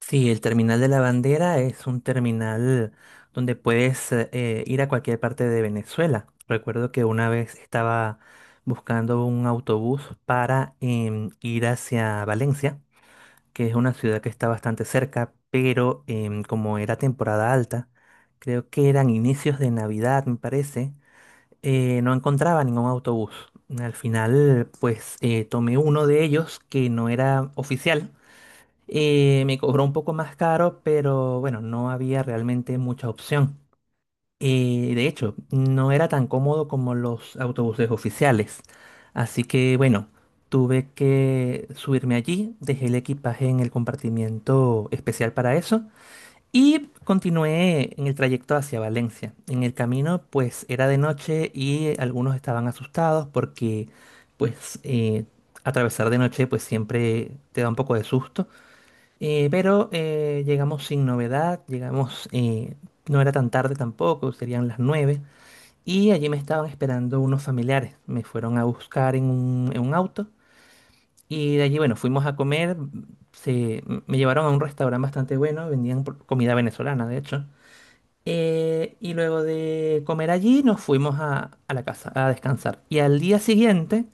Sí, el terminal de la bandera es un terminal donde puedes ir a cualquier parte de Venezuela. Recuerdo que una vez estaba buscando un autobús para ir hacia Valencia, que es una ciudad que está bastante cerca, pero como era temporada alta, creo que eran inicios de Navidad, me parece, no encontraba ningún autobús. Al final, pues tomé uno de ellos que no era oficial me cobró un poco más caro, pero bueno, no había realmente mucha opción. De hecho, no era tan cómodo como los autobuses oficiales. Así que bueno, tuve que subirme allí, dejé el equipaje en el compartimiento especial para eso y continué en el trayecto hacia Valencia. En el camino pues era de noche y algunos estaban asustados porque pues eh, atravesar de noche pues siempre te da un poco de susto. Pero llegamos sin novedad, llegamos, no era tan tarde tampoco, serían las 9 y allí me estaban esperando unos familiares, me fueron a buscar en un auto, y de allí, bueno, fuimos a comer, me llevaron a un restaurante bastante bueno, vendían comida venezolana, de hecho, y luego de comer allí nos fuimos a la casa a descansar, y al día siguiente...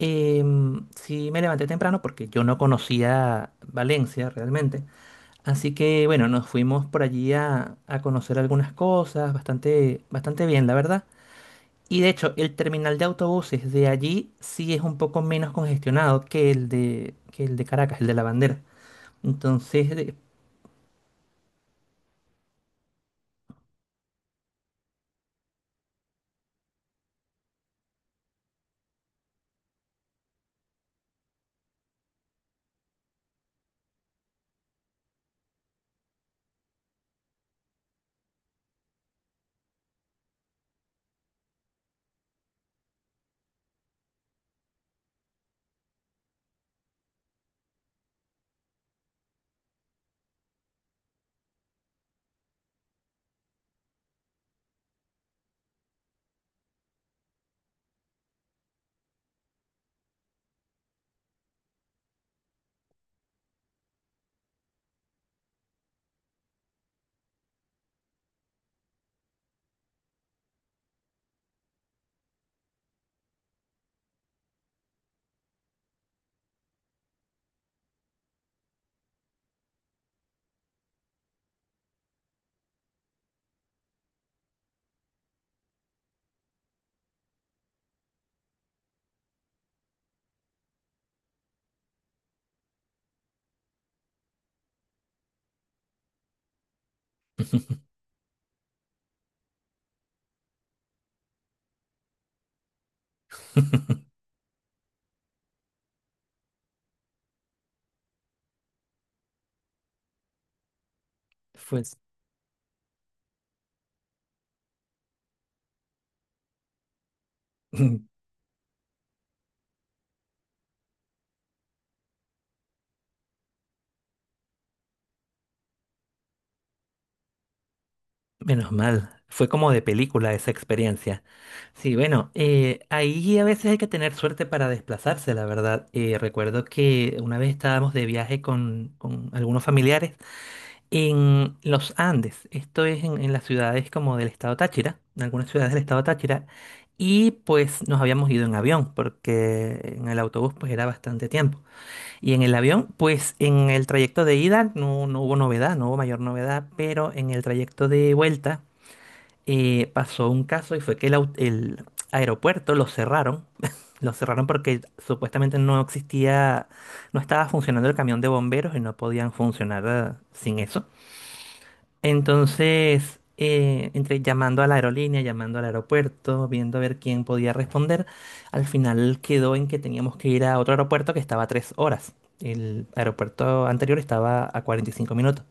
sí me levanté temprano porque yo no conocía Valencia realmente. Así que bueno, nos fuimos por allí a conocer algunas cosas, bastante bien, la verdad. Y de hecho, el terminal de autobuses de allí sí es un poco menos congestionado que que el de Caracas, el de La Bandera. Entonces, fue, menos mal, fue como de película esa experiencia. Sí, bueno, ahí a veces hay que tener suerte para desplazarse, la verdad. Recuerdo que una vez estábamos de viaje con algunos familiares. En los Andes, esto es en las ciudades como del estado Táchira, en algunas ciudades del estado Táchira, y pues nos habíamos ido en avión, porque en el autobús pues era bastante tiempo. Y en el avión, pues en el trayecto de ida no hubo novedad, no hubo mayor novedad, pero en el trayecto de vuelta pasó un caso y fue que el aeropuerto lo cerraron, lo cerraron porque supuestamente no existía, no estaba funcionando el camión de bomberos y no podían funcionar sin eso. Entonces, entre llamando a la aerolínea, llamando al aeropuerto, viendo a ver quién podía responder, al final quedó en que teníamos que ir a otro aeropuerto que estaba a 3 horas. El aeropuerto anterior estaba a 45 minutos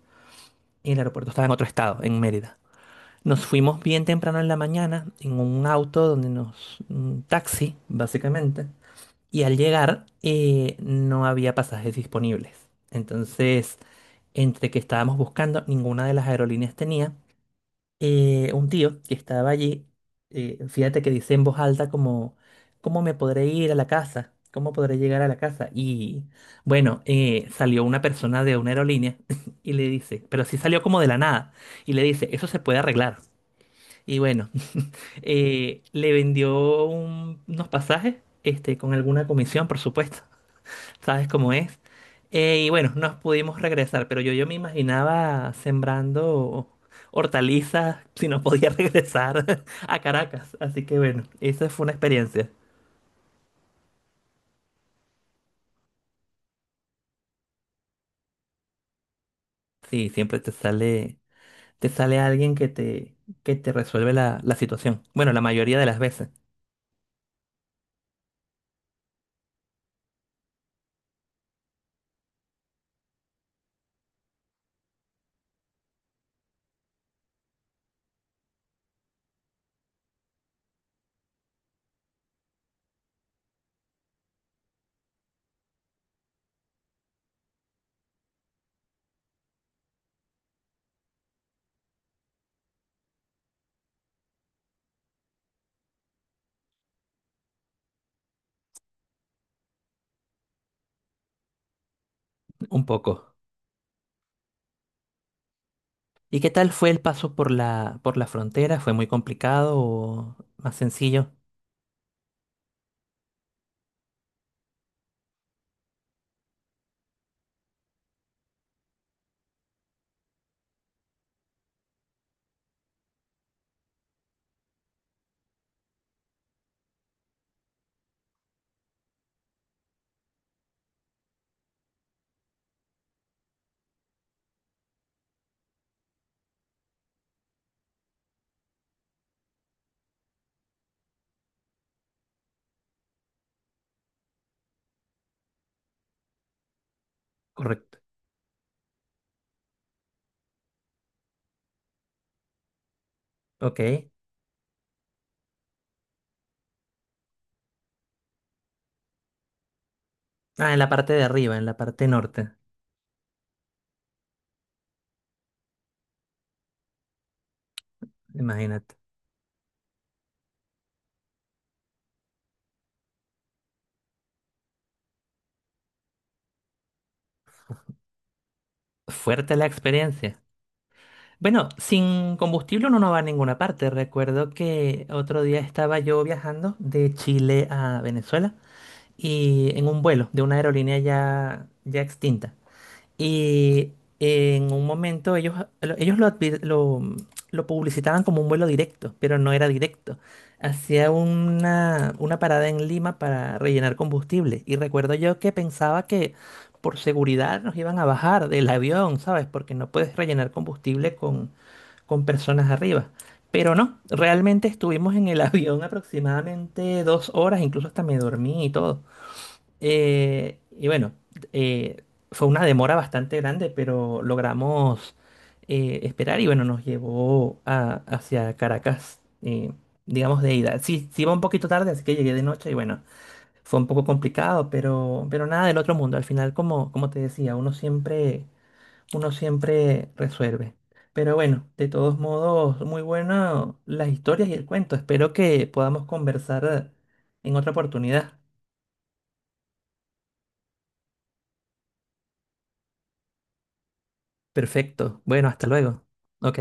y el aeropuerto estaba en otro estado, en Mérida. Nos fuimos bien temprano en la mañana en un auto donde nos... un taxi, básicamente. Y al llegar no había pasajes disponibles. Entonces, entre que estábamos buscando, ninguna de las aerolíneas tenía un tío que estaba allí, fíjate que dice en voz alta como, ¿cómo me podré ir a la casa? ¿Cómo podré llegar a la casa? Y bueno, salió una persona de una aerolínea y le dice, pero sí salió como de la nada, y le dice, eso se puede arreglar. Y bueno, le vendió unos pasajes, este, con alguna comisión, por supuesto. ¿Sabes cómo es? Y bueno, nos pudimos regresar, pero yo me imaginaba sembrando hortalizas si no podía regresar a Caracas. Así que bueno, esa fue una experiencia. Sí, siempre te sale alguien que te resuelve la, la situación. Bueno, la mayoría de las veces, un poco. ¿Y qué tal fue el paso por por la frontera? ¿Fue muy complicado o más sencillo? Correcto. Ok. Ah, en la parte de arriba, en la parte norte, imagínate. Fuerte la experiencia. Bueno, sin combustible uno no va a ninguna parte. Recuerdo que otro día estaba yo viajando de Chile a Venezuela y en un vuelo de una aerolínea ya extinta. Y en un momento ellos lo, advi- lo publicitaban como un vuelo directo, pero no era directo. Hacía una parada en Lima para rellenar combustible. Y recuerdo yo que pensaba que por seguridad nos iban a bajar del avión, ¿sabes? Porque no puedes rellenar combustible con personas arriba. Pero no, realmente estuvimos en el avión aproximadamente 2 horas, incluso hasta me dormí y todo. Eh, y bueno, eh, Fue una demora bastante grande, pero logramos esperar y bueno, nos llevó hacia Caracas, digamos de ida. Sí, sí iba un poquito tarde, así que llegué de noche y bueno, fue un poco complicado, pero nada del otro mundo. Al final, como te decía, uno siempre resuelve. Pero bueno, de todos modos, muy bueno las historias y el cuento. Espero que podamos conversar en otra oportunidad. Perfecto. Bueno, hasta luego. Ok.